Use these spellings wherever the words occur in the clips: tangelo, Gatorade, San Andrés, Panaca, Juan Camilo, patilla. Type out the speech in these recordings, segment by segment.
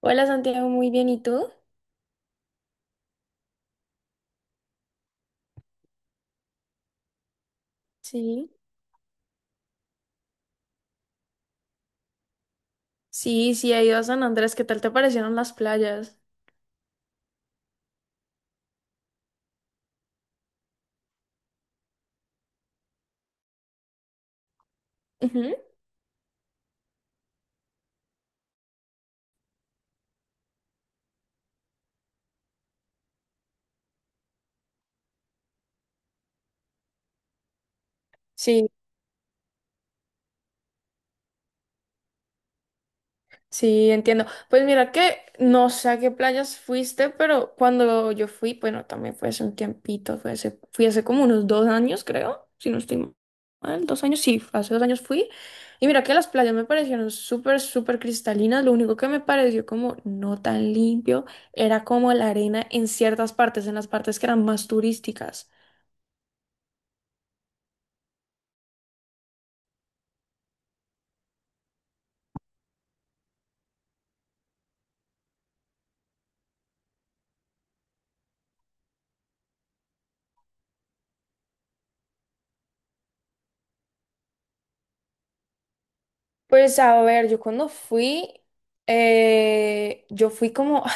Hola Santiago, muy bien, ¿y tú? Sí. Sí, sí, he ido a San Andrés, ¿qué tal te parecieron las playas? Ujú. Sí, sí, entiendo. Pues mira que no sé a qué playas fuiste, pero cuando yo fui, bueno, también fue hace un tiempito, fui hace como unos 2 años, creo, si no estoy mal, 2 años, sí, hace 2 años fui. Y mira que las playas me parecieron súper cristalinas, lo único que me pareció como no tan limpio era como la arena en ciertas partes, en las partes que eran más turísticas. Pues a ver, yo cuando fui, yo fui como, ah,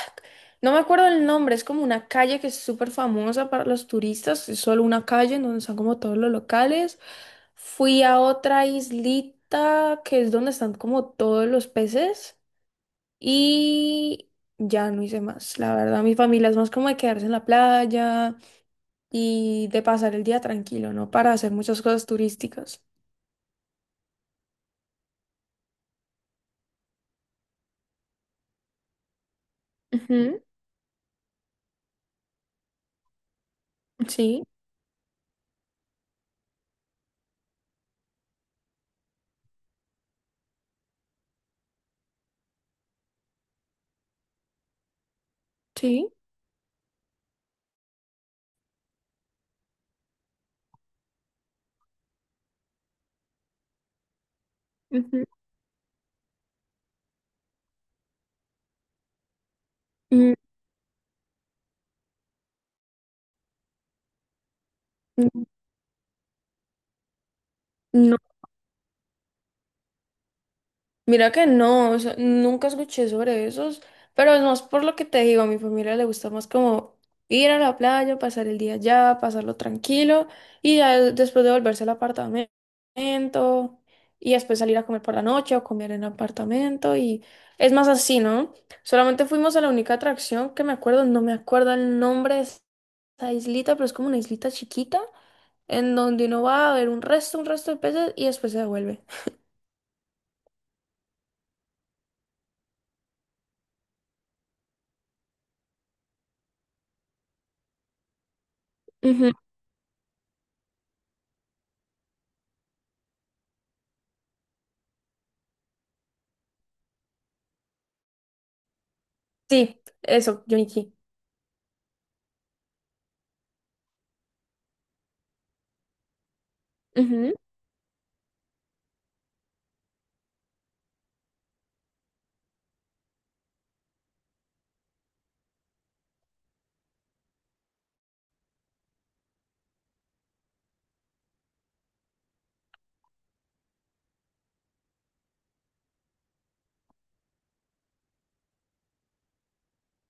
no me acuerdo el nombre, es como una calle que es súper famosa para los turistas, es solo una calle en donde están como todos los locales. Fui a otra islita que es donde están como todos los peces y ya no hice más. La verdad, mi familia es más como de quedarse en la playa y de pasar el día tranquilo, ¿no? Para hacer muchas cosas turísticas. Ujú. Sí, sí. Ujú. Mm, No, mira que no, o sea, nunca escuché sobre esos, pero es más por lo que te digo, a mi familia le gusta más como ir a la playa, pasar el día allá, pasarlo tranquilo y ya después de volverse al apartamento y después salir a comer por la noche o comer en el apartamento y es más así, ¿no? Solamente fuimos a la única atracción que me acuerdo, no me acuerdo el nombre de esa islita, pero es como una islita chiquita en donde uno va a ver un resto de peces y después se devuelve. Sí, eso, Junichi. Ujú,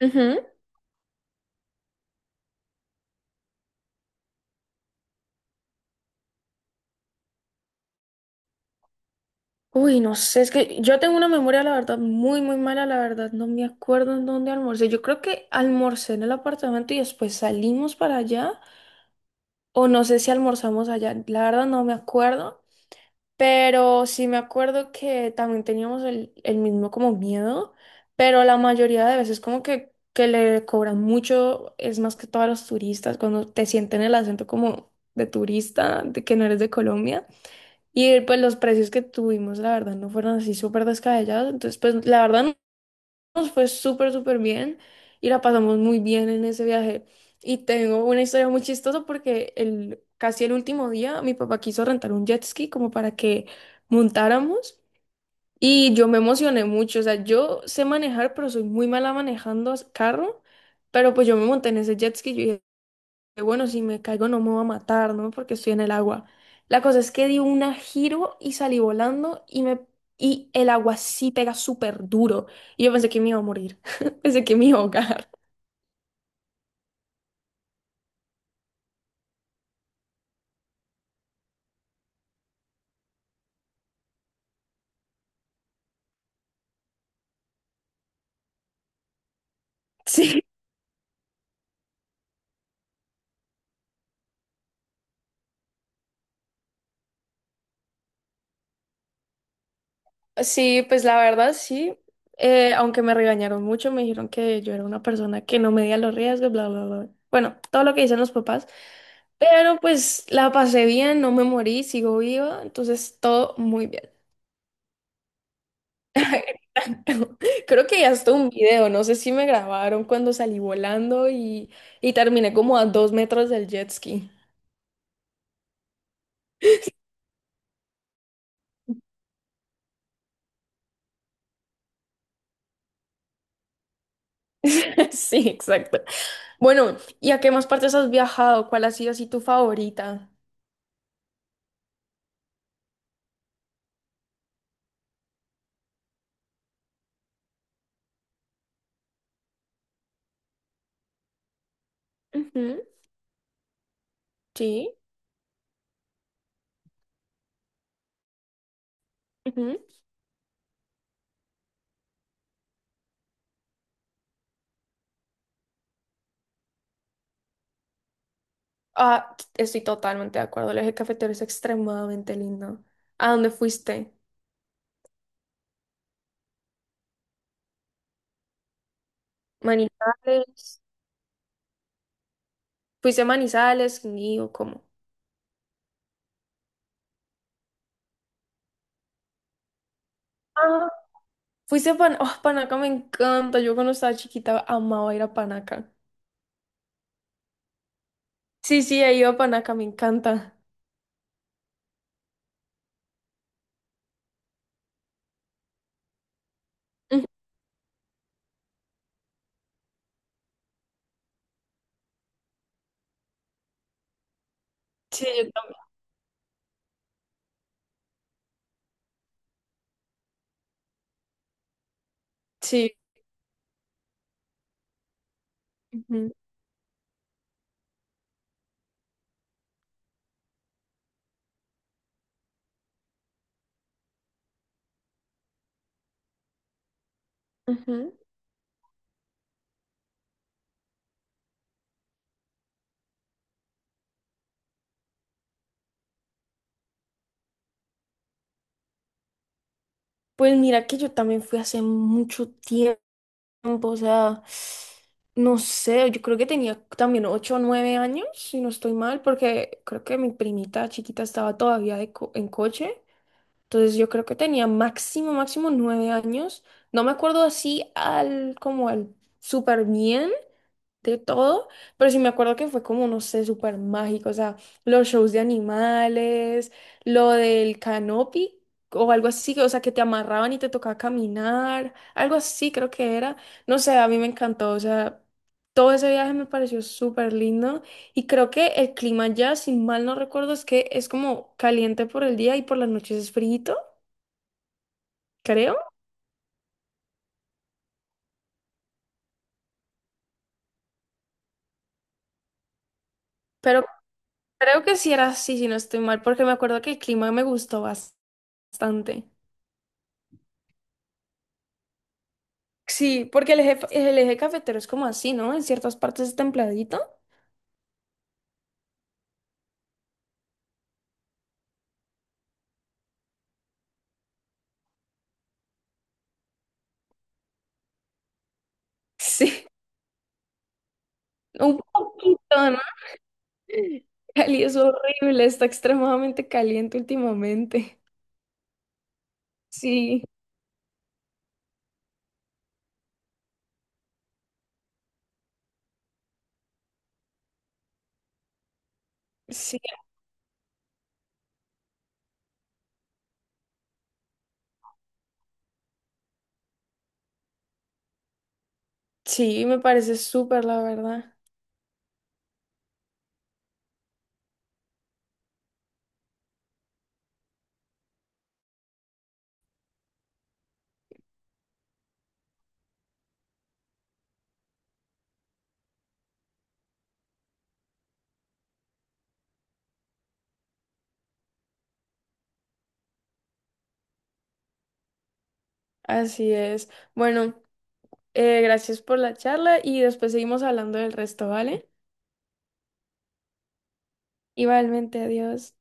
ujú. Uy, no sé, es que yo tengo una memoria, la verdad, muy mala, la verdad, no me acuerdo en dónde almorcé. Yo creo que almorcé en el apartamento y después salimos para allá, o no sé si almorzamos allá, la verdad no me acuerdo, pero sí me acuerdo que también teníamos el mismo como miedo, pero la mayoría de veces como que le cobran mucho, es más que todos los turistas, cuando te sienten el acento como de turista, de que no eres de Colombia. Y pues los precios que tuvimos, la verdad, no fueron así súper descabellados. Entonces, pues la verdad no- nos fue súper bien y la pasamos muy bien en ese viaje. Y tengo una historia muy chistosa porque casi el último día mi papá quiso rentar un jet ski como para que montáramos y yo me emocioné mucho. O sea, yo sé manejar, pero soy muy mala manejando carro. Pero pues yo me monté en ese jet ski que, bueno, si me caigo no me va a matar, ¿no? Porque estoy en el agua. La cosa es que di un giro y salí volando y el agua sí pega súper duro. Y yo pensé que me iba a morir, pensé que me iba a ahogar. Sí, sí, pues la verdad sí. Aunque me regañaron mucho, me dijeron que yo era una persona que no medía los riesgos, bla, bla, bla. Bueno, todo lo que dicen los papás. Pero pues la pasé bien, no me morí, sigo viva, entonces todo muy bien. Exacto. Creo que hasta un video, no sé si me grabaron cuando salí volando y terminé como a 2 metros del jet ski. Sí, exacto. Bueno, ¿y a qué más partes has viajado? ¿Cuál ha sido así tu favorita? Ujú. Sí. Ujú. Ah, estoy totalmente de acuerdo. El eje cafetero es extremadamente lindo. ¿A dónde fuiste? Manizales. ¿Fuiste a Manizales? Ni o ¿cómo? Fuiste a Pan... Oh, Panaca me encanta. Yo cuando estaba chiquita amaba ir a Panaca. Sí, sí, he ido a Panaca, me encanta. Ujú. Sí, yo también. Sí. Ujú, ujú. Pues mira que yo también fui hace mucho tiempo, o sea, no sé, yo creo que tenía también 8 o 9 años, si no estoy mal, porque creo que mi primita chiquita estaba todavía en coche. Entonces yo creo que tenía máximo, máximo 9 años. No me acuerdo así al como al súper bien, de todo, pero sí me acuerdo que fue como, no sé, súper mágico, o sea, los shows de animales, lo del canopy o algo así, o sea, que te amarraban y te tocaba caminar, algo así creo que era, no sé, a mí me encantó, o sea, todo ese viaje me pareció súper lindo y creo que el clima ya, si mal no recuerdo, es que es como caliente por el día y por las noches es frío, creo, pero creo que sí era así, si no estoy mal, porque me acuerdo que el clima me gustó bastante. Sí, porque el eje cafetero es como así, ¿no? En ciertas partes es templadito. Sí, un poquito, ¿no? Cali es horrible, está extremadamente caliente últimamente. Sí, sí, sí, me parece súper, la verdad. Así es. Bueno, gracias por la charla y después seguimos hablando del resto, ¿vale? Igualmente, adiós.